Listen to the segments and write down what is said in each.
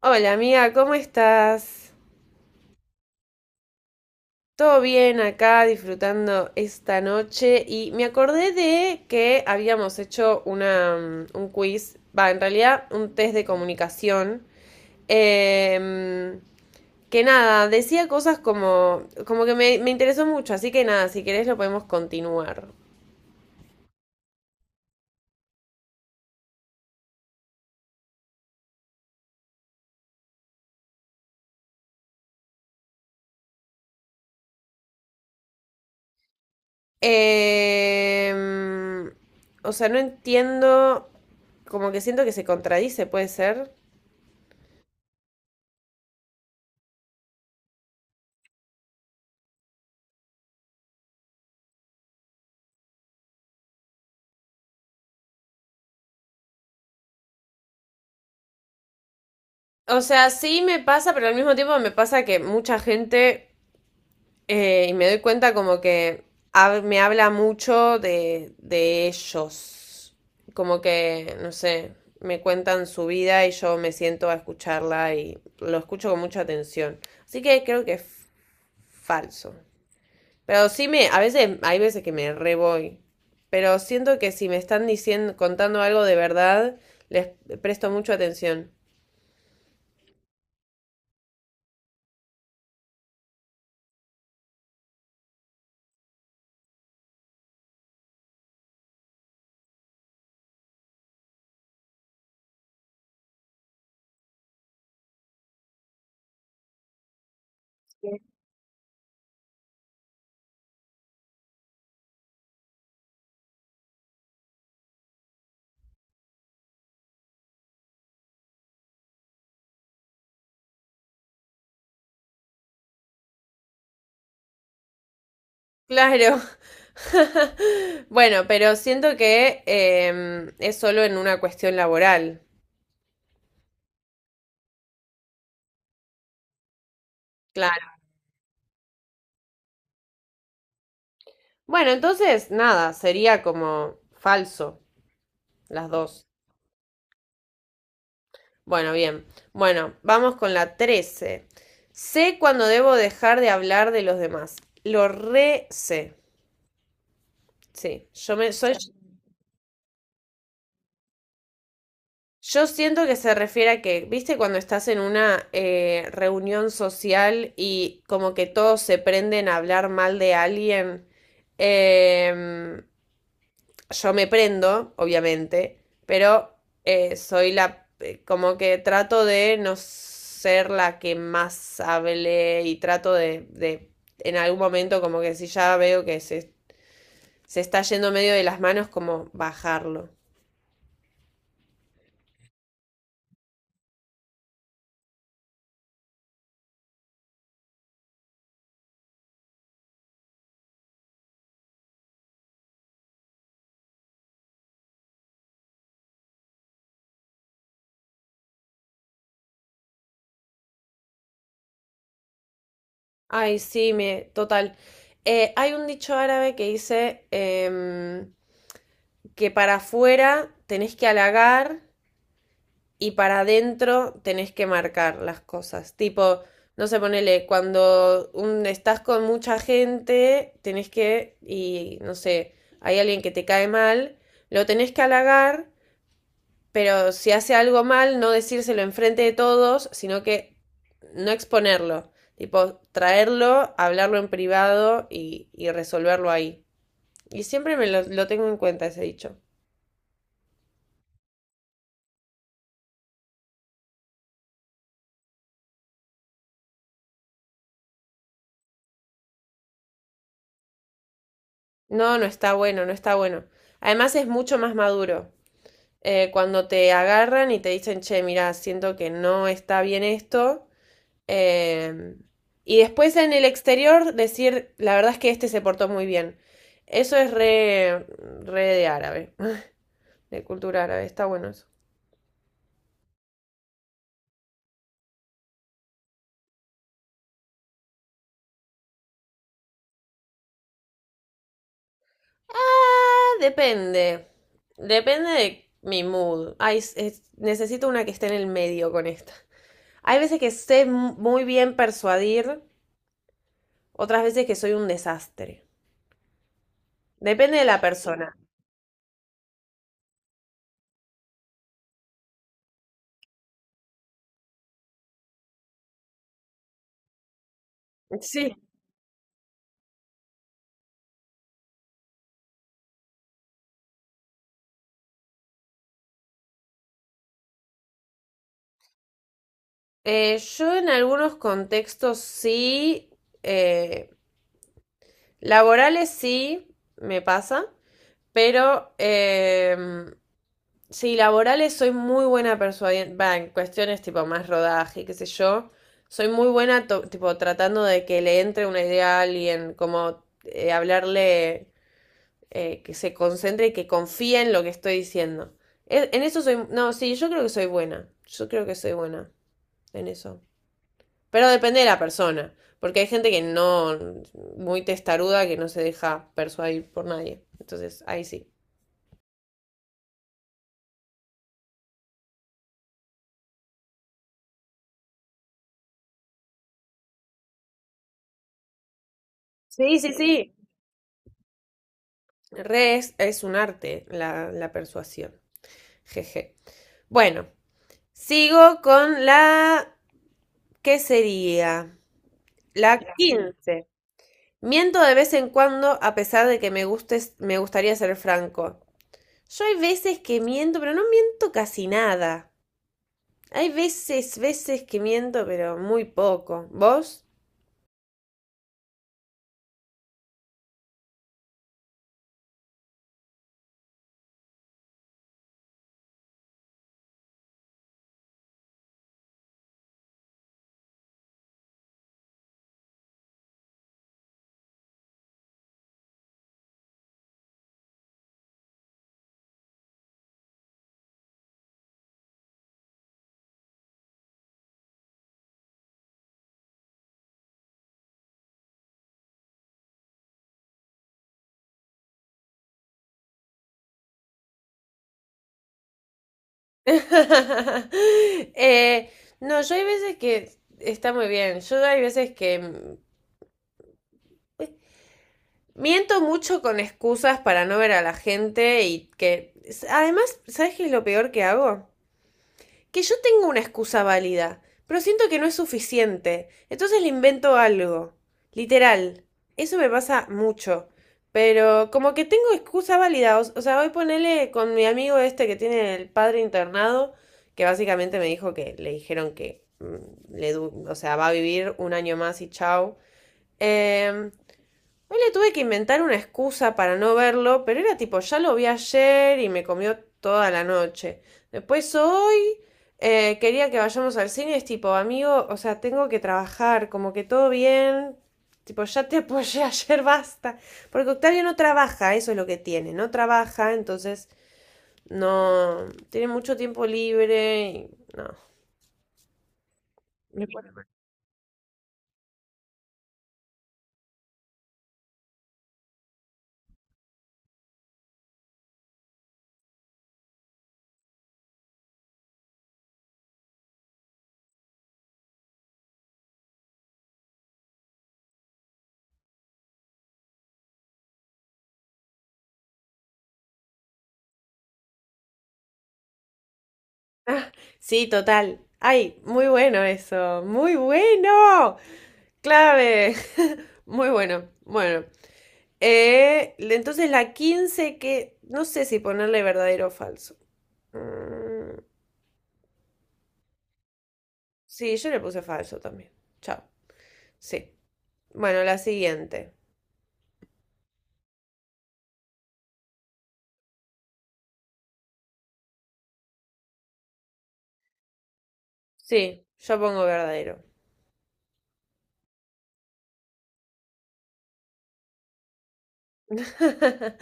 Hola amiga, ¿cómo estás? Todo bien acá, disfrutando esta noche, y me acordé de que habíamos hecho un quiz, va, en realidad un test de comunicación, em, que nada, decía cosas como que me interesó mucho, así que nada, si querés lo podemos continuar. Em, o sea, no entiendo, como que siento que se contradice, ¿puede ser? O sea, sí me pasa, pero al mismo tiempo me pasa que mucha gente, y me doy cuenta como que me habla mucho de ellos. Como que, no sé, me cuentan su vida y yo me siento a escucharla y lo escucho con mucha atención. Así que creo que es falso. Pero a veces, hay veces que me re voy. Pero siento que si me están diciendo, contando algo de verdad, les presto mucha atención. Claro. Bueno, pero siento que es solo en una cuestión laboral. Claro. Bueno, entonces, nada, sería como falso las dos. Bueno, bien. Bueno, vamos con la 13. Sé cuando debo dejar de hablar de los demás. Lo re sé. Sí, yo me soy... Yo siento que se refiere a que, viste, cuando estás en una reunión social y como que todos se prenden a hablar mal de alguien, em, yo me prendo, obviamente, pero como que trato de no ser la que más hable y trato en algún momento, como que si ya veo que se está yendo medio de las manos, como bajarlo. Ay, sí, total. Hay un dicho árabe que dice que para afuera tenés que halagar y para adentro tenés que marcar las cosas. Tipo, no sé, ponele, cuando estás con mucha gente, tenés que, y no sé, hay alguien que te cae mal, lo tenés que halagar, pero si hace algo mal, no decírselo enfrente de todos, sino que no exponerlo. Tipo, traerlo, hablarlo en privado y resolverlo ahí. Y siempre me lo tengo en cuenta ese dicho. No, no está bueno, no está bueno. Además, es mucho más maduro. Cuando te agarran y te dicen, che, mira, siento que no está bien esto. eh, y después en el exterior decir, la verdad es que este se portó muy bien. Eso es re de árabe. De cultura árabe. Está bueno eso. Ah, depende. Depende de mi mood. Ay, necesito una que esté en el medio con esta. Hay veces que sé muy bien persuadir, otras veces que soy un desastre. Depende de la persona. Sí. Yo en algunos contextos sí, eh, laborales sí me pasa. Pero sí, laborales soy muy buena persuadiendo, va, en cuestiones tipo más rodaje, qué sé yo. Soy muy buena tipo tratando de que le entre una idea a alguien, como hablarle, que se concentre y que confíe en lo que estoy diciendo. En eso soy, no, sí, yo creo que soy buena. Yo creo que soy buena en eso. Pero depende de la persona, porque hay gente que no, muy testaruda, que no se deja persuadir por nadie. Entonces, ahí sí. Sí, sí, sí. Re es un arte la persuasión. Jeje. Bueno, sigo con la... ¿Qué sería? La 15. Miento de vez en cuando a pesar de que me gustes, me gustaría ser franco. Yo hay veces que miento, pero no miento casi nada. Hay veces que miento, pero muy poco. ¿Vos? Eh, no, yo hay veces que está muy bien. Yo hay veces que... Es Miento mucho con excusas para no ver a la gente y que... Además, ¿sabes qué es lo peor que hago? Que yo tengo una excusa válida, pero siento que no es suficiente. Entonces le invento algo. Literal. Eso me pasa mucho. Pero como que tengo excusa válida. O sea, hoy ponerle con mi amigo este que tiene el padre internado, que básicamente me dijo que le dijeron que o sea, va a vivir un año más y chao. Em, Hoy le tuve que inventar una excusa para no verlo, pero era tipo, ya lo vi ayer y me comió toda la noche. Después hoy quería que vayamos al cine, es tipo, amigo, o sea, tengo que trabajar, como que todo bien, tipo, ya te apoyé ayer, basta. Porque Octavio no trabaja, eso es lo que tiene, no trabaja, entonces no, tiene mucho tiempo libre y no. Ah, sí, total. Ay, muy bueno eso, muy bueno. Clave. Muy bueno, bueno. Entonces la 15, que no sé si ponerle verdadero o falso. Mm, sí, yo le puse falso también. Chao. Sí. Bueno, la siguiente. Sí, yo pongo verdadero.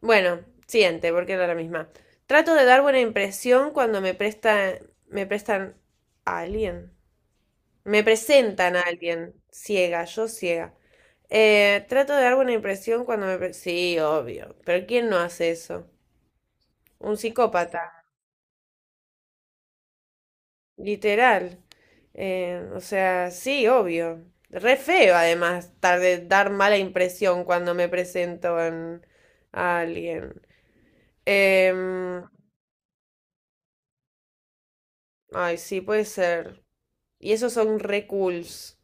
Bueno, siguiente, porque era la misma. Trato de dar buena impresión cuando me prestan a alguien. Me presentan a alguien ciega, yo ciega. Trato de dar buena impresión cuando me... Sí, obvio, pero ¿quién no hace eso? Un psicópata, literal. O sea, sí, obvio. Re feo, además, de dar mala impresión cuando me presento a alguien. Em, ay, sí, puede ser. Y esos son re cools.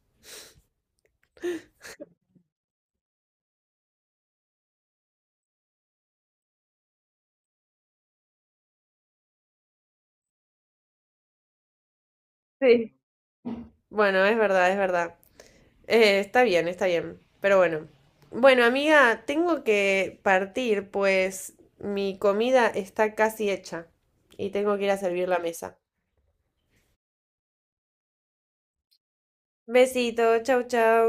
Sí. Bueno, es verdad, es verdad. Está bien, está bien. Pero bueno. Bueno, amiga, tengo que partir, pues mi comida está casi hecha y tengo que ir a servir la mesa. Besito, chau, chau.